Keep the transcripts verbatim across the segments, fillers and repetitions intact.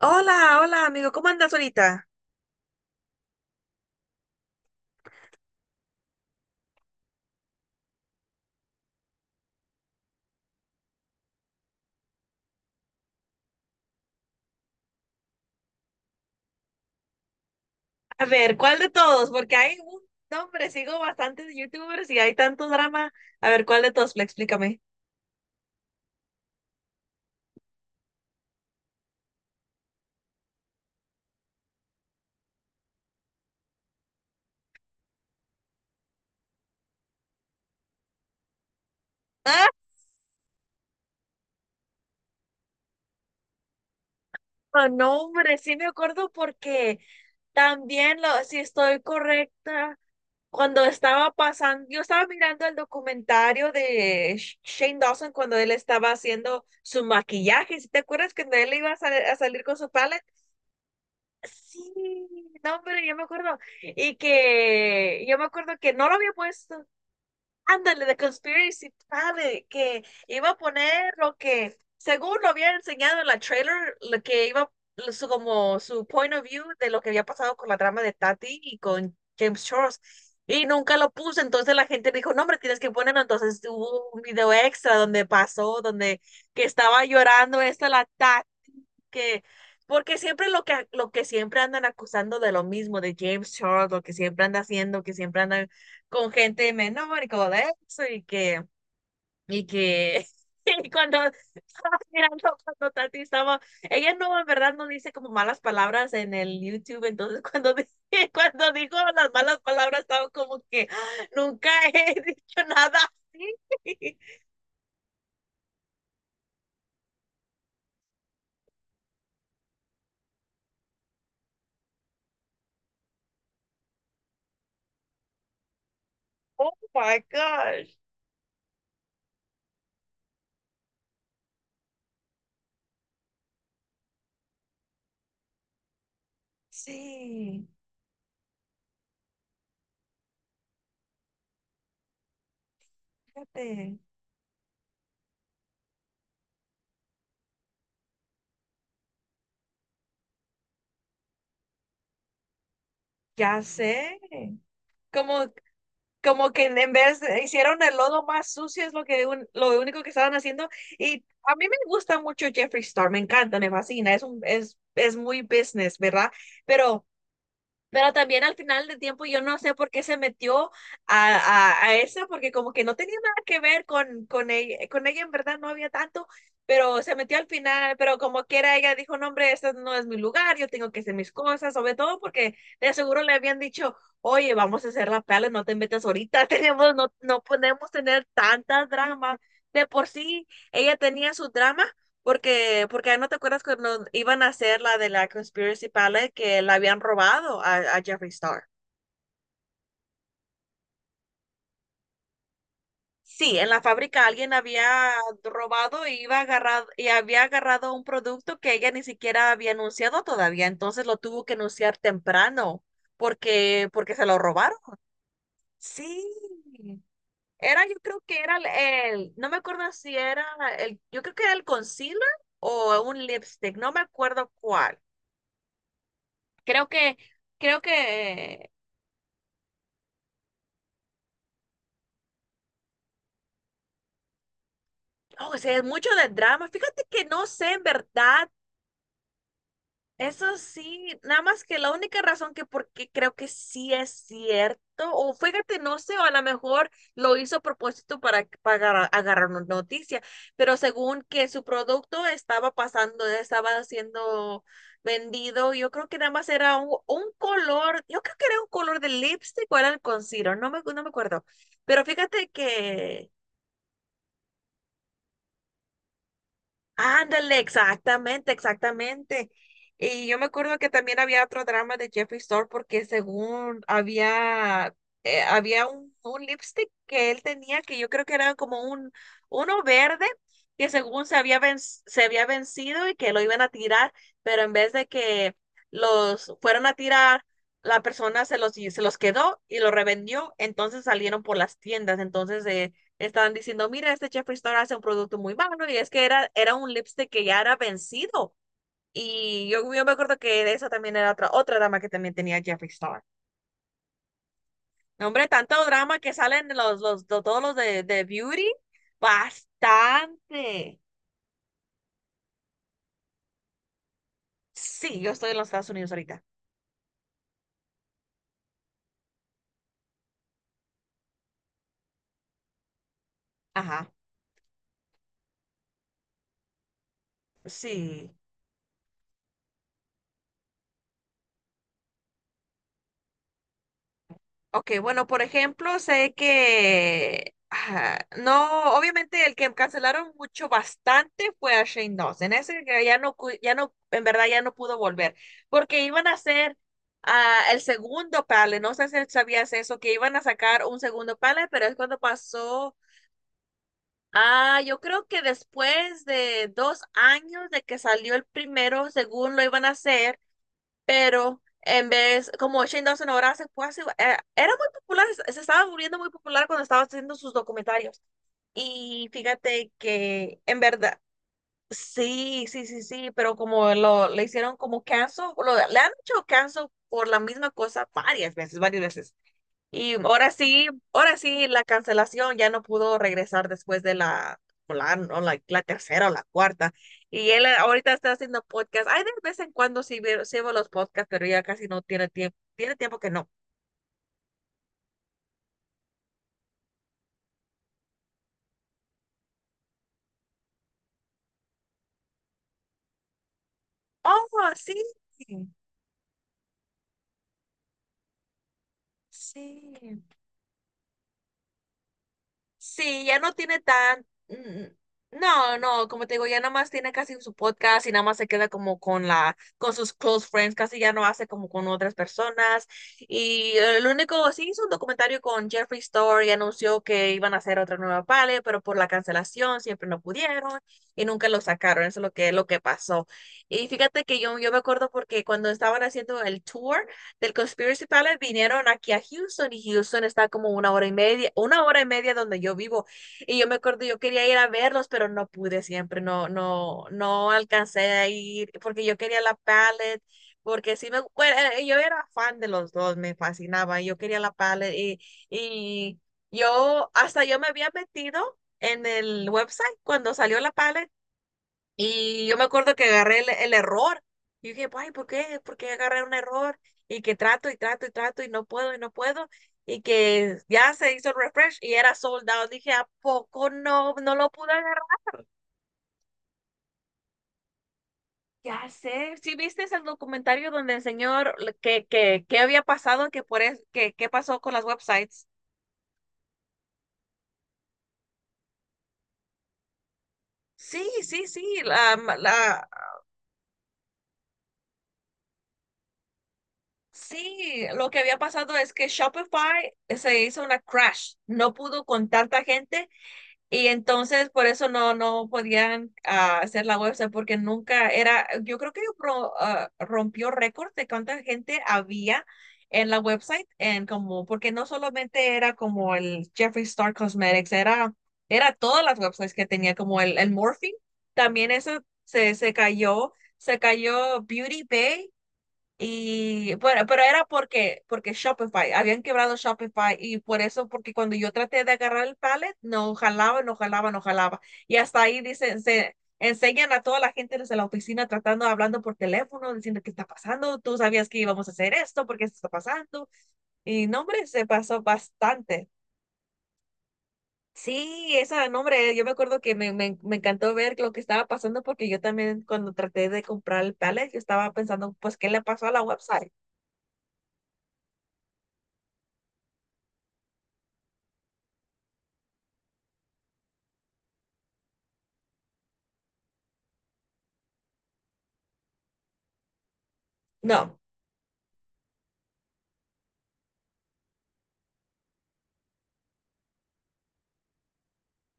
Hola, hola amigo, ¿cómo andas ahorita? A ver, ¿cuál de todos? Porque hay un nombre, sigo bastantes youtubers y hay tanto drama. A ver, ¿cuál de todos? Fla, explícame. Ah, no, no, hombre, sí me acuerdo porque también, lo, si estoy correcta, cuando estaba pasando, yo estaba mirando el documentario de Sh- Shane Dawson cuando él estaba haciendo su maquillaje. ¿Sí te acuerdas que él iba a, sal- a salir con su paleta? Sí, no, pero yo me acuerdo. Y que yo me acuerdo que no lo había puesto. Ándale, de Conspiracy Planet, que iba a poner lo que, según lo había enseñado en la trailer, lo que iba, lo- su, como su point of view de lo que había pasado con la trama de Tati y con James Charles. Y nunca lo puse, entonces la gente dijo, no, hombre, tienes que ponerlo. Entonces hubo un video extra donde pasó, donde que estaba llorando esta la Tati que, porque siempre lo que, lo que siempre andan acusando de lo mismo, de James Charles, lo que siempre anda haciendo, que siempre andan con gente menor y como de eso, y que, y que, y cuando estaba mirando, cuando Tati estaba, ella no, en verdad, no dice como malas palabras en el YouTube, entonces cuando, di- cuando dijo las malas palabras, estaba como que "Ah, nunca he dicho nada así". Oh my gosh. Sí, fíjate, ya sé. Como, como que en vez hicieron el lodo más sucio, es lo que un- lo único que estaban haciendo. Y a mí me gusta mucho Jeffree Star, me encanta, me fascina, es un, es, es muy business, ¿verdad? Pero pero también al final del tiempo yo no sé por qué se metió a, a, a eso, porque como que no tenía nada que ver con, con ella, con ella en verdad no había tanto, pero se metió al final, pero como quiera ella dijo, no hombre, este no es mi lugar, yo tengo que hacer mis cosas, sobre todo porque de seguro le habían dicho, oye, vamos a hacer la pala, no te metas ahorita, tenemos, no, no podemos tener tantas dramas. De por sí, ella tenía su drama porque, porque ah, no te acuerdas cuando iban a hacer la de la Conspiracy Palette que la habían robado a, a Jeffree Star. Sí, en la fábrica alguien había robado y iba agarrado, y había agarrado un producto que ella ni siquiera había anunciado todavía, entonces lo tuvo que anunciar temprano porque, porque se lo robaron. Sí. Era, yo creo que era el, el- no me acuerdo si era el, yo creo que era el concealer o un lipstick, no me acuerdo cuál. Creo que Creo que no, o sea, es mucho de drama. Fíjate que no sé, en verdad. Eso sí, nada más que la única razón que porque creo que sí es cierto, o fíjate, no sé, o a lo mejor lo hizo a propósito para, para agarrar una noticia, pero según que su producto estaba pasando, estaba siendo vendido, yo creo que nada más era un, un color, yo creo que era un color de lipstick o era el concealer, no me, no me acuerdo, pero fíjate que ándale, exactamente, exactamente. Y yo me acuerdo que también había otro drama de Jeffree Star porque según había, eh, había un, un lipstick que él tenía que yo creo que era como un uno verde que según se había ven- se había vencido y que lo iban a tirar, pero en vez de que los fueron a tirar, la persona se los, se los quedó y lo revendió, entonces salieron por las tiendas. Entonces, eh, estaban diciendo, mira, este Jeffree Star hace un producto muy malo y es que era, era un lipstick que ya era vencido. Y yo, yo me acuerdo que de esa también era otra, otra dama que también tenía Jeffree Star. No, hombre, tanto drama que salen los, los, to- todos los de, de Beauty, bastante. Sí, yo estoy en los Estados Unidos ahorita. Ajá, sí. Ok, bueno, por ejemplo, sé que ah, no, obviamente el que cancelaron mucho bastante fue a Shane Dawson. Ese que ya no, cu- ya no, en verdad ya no pudo volver, porque iban a hacer ah, el segundo panel. No sé si sabías eso, que iban a sacar un segundo panel, pero es cuando pasó. Ah, yo creo que después de dos años de que salió el primero, según lo iban a hacer pero en vez, como Shane Dawson ahora se fue así, eh, era muy popular, se se estaba volviendo muy popular cuando estaba haciendo sus documentarios. Y fíjate que en verdad, sí, sí, sí, sí, pero como lo le hicieron como cancel, lo- le han hecho cancel por la misma cosa varias veces, varias veces. Y ahora sí, ahora sí, la cancelación ya no pudo regresar después de la, o la, o la, la tercera o la cuarta. Y él eh, ahorita está haciendo podcast. Ay, de vez en cuando sí veo, sí veo los podcasts, pero ya casi no tiene tiempo. Tiene tiempo que no. Oh, sí, sí. Sí, ya no tiene tan... mm, no, no, como te digo, ya nada más tiene casi su podcast y nada más se queda como con la, con sus close friends, casi ya no hace como con otras personas. Y eh, lo único, sí hizo un documentario con Jeffree Star y anunció que iban a hacer otra nueva pale, pero por la cancelación siempre no pudieron y nunca lo sacaron. Eso es lo que, lo que pasó. Y fíjate que yo, yo me acuerdo porque cuando estaban haciendo el tour, del Conspiracy Palace vinieron aquí a Houston y Houston está como una hora y media, una hora y media donde yo vivo. Y yo me acuerdo, yo quería ir a verlos, pero no pude siempre, no, no, no alcancé a ir porque yo quería la Palette porque sí me, bueno, eh, yo era fan de los dos, me fascinaba, yo quería la paleta y, y yo, hasta yo me había metido en el website cuando salió la paleta y yo me acuerdo que agarré el, el error. Y dije, ay, ¿por qué? ¿Por qué agarré un error? Y que trato y trato y trato y no puedo y no puedo. Y que ya se hizo el refresh y era sold out. Dije, ¿a poco no, no lo pude agarrar? Ya sé. ¿Sí viste el documentario donde el señor le- que, que, que había pasado, que por es, que, qué pasó con las websites? Sí, sí, sí. La, ma- la, sí, lo que había pasado es que Shopify se hizo una crash. No pudo con tanta gente y entonces por eso no, no podían ah, hacer la website porque nunca era, yo creo que ro- ah, rompió récord de cuánta gente había en la website, en como, porque no solamente era como el Jeffree Star Cosmetics, era, era todas las websites que tenía, como el, el Morphe, también eso se, se cayó, se cayó Beauty Bay y bueno, pero era porque, porque Shopify, habían quebrado Shopify y por eso, porque cuando yo traté de agarrar el pallet, no jalaba, no jalaba, no jalaba. Y hasta ahí dicen, se enseñan a toda la gente desde la oficina tratando, hablando por teléfono, diciendo qué está pasando, tú sabías que íbamos a hacer esto, porque esto está pasando. Y no, hombre, se pasó bastante. Sí, esa nombre, yo me acuerdo que me, me, me encantó ver lo que estaba pasando porque yo también cuando traté de comprar el pallet, yo estaba pensando, pues, ¿qué le pasó a la website? No.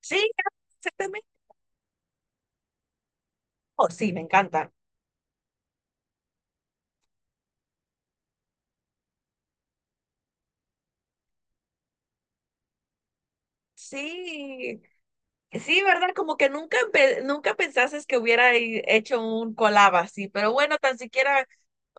Sí, exactamente. Oh, sí, me encanta. Sí, sí, ¿verdad? Como que nunca, empe- nunca pensases que hubiera i- hecho un collab así, pero bueno, tan siquiera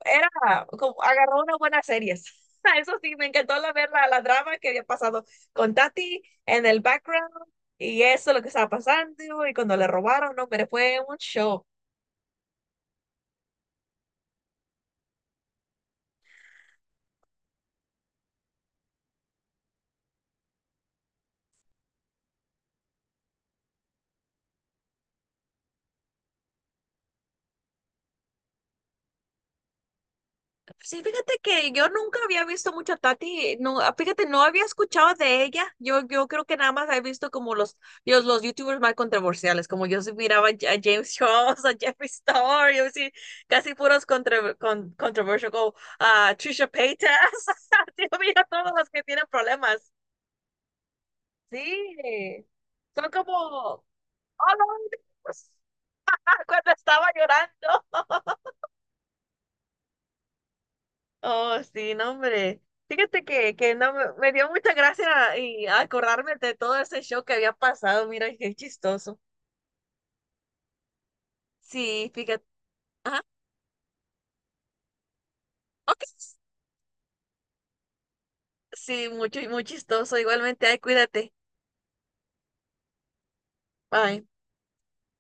era como agarró una buena serie. Eso sí, me encantó la, ver la, la drama que había pasado con Tati en el background y eso, lo que estaba pasando y cuando le robaron, no, pero fue un show. Sí, fíjate que yo nunca había visto mucho a Tati, no, ah, fíjate, no había escuchado de ella. Yo, yo creo que nada más he visto como los, los, los YouTubers más controversiales, como yo sí miraba a James Charles, a Jeffree Star, yo sí, casi puros contra, con, controversial, como a Trisha Paytas. Yo miro a todos los que tienen problemas. Sí, son como, oh, no, cuando estaba llorando. Oh, sí, no, hombre. Fíjate que, que no, me me dio mucha gracia y acordarme de todo ese show que había pasado. Mira, qué chistoso. Sí, fíjate. Ajá. Ok. Sí, mucho, muy chistoso. Igualmente, ay, cuídate. Bye.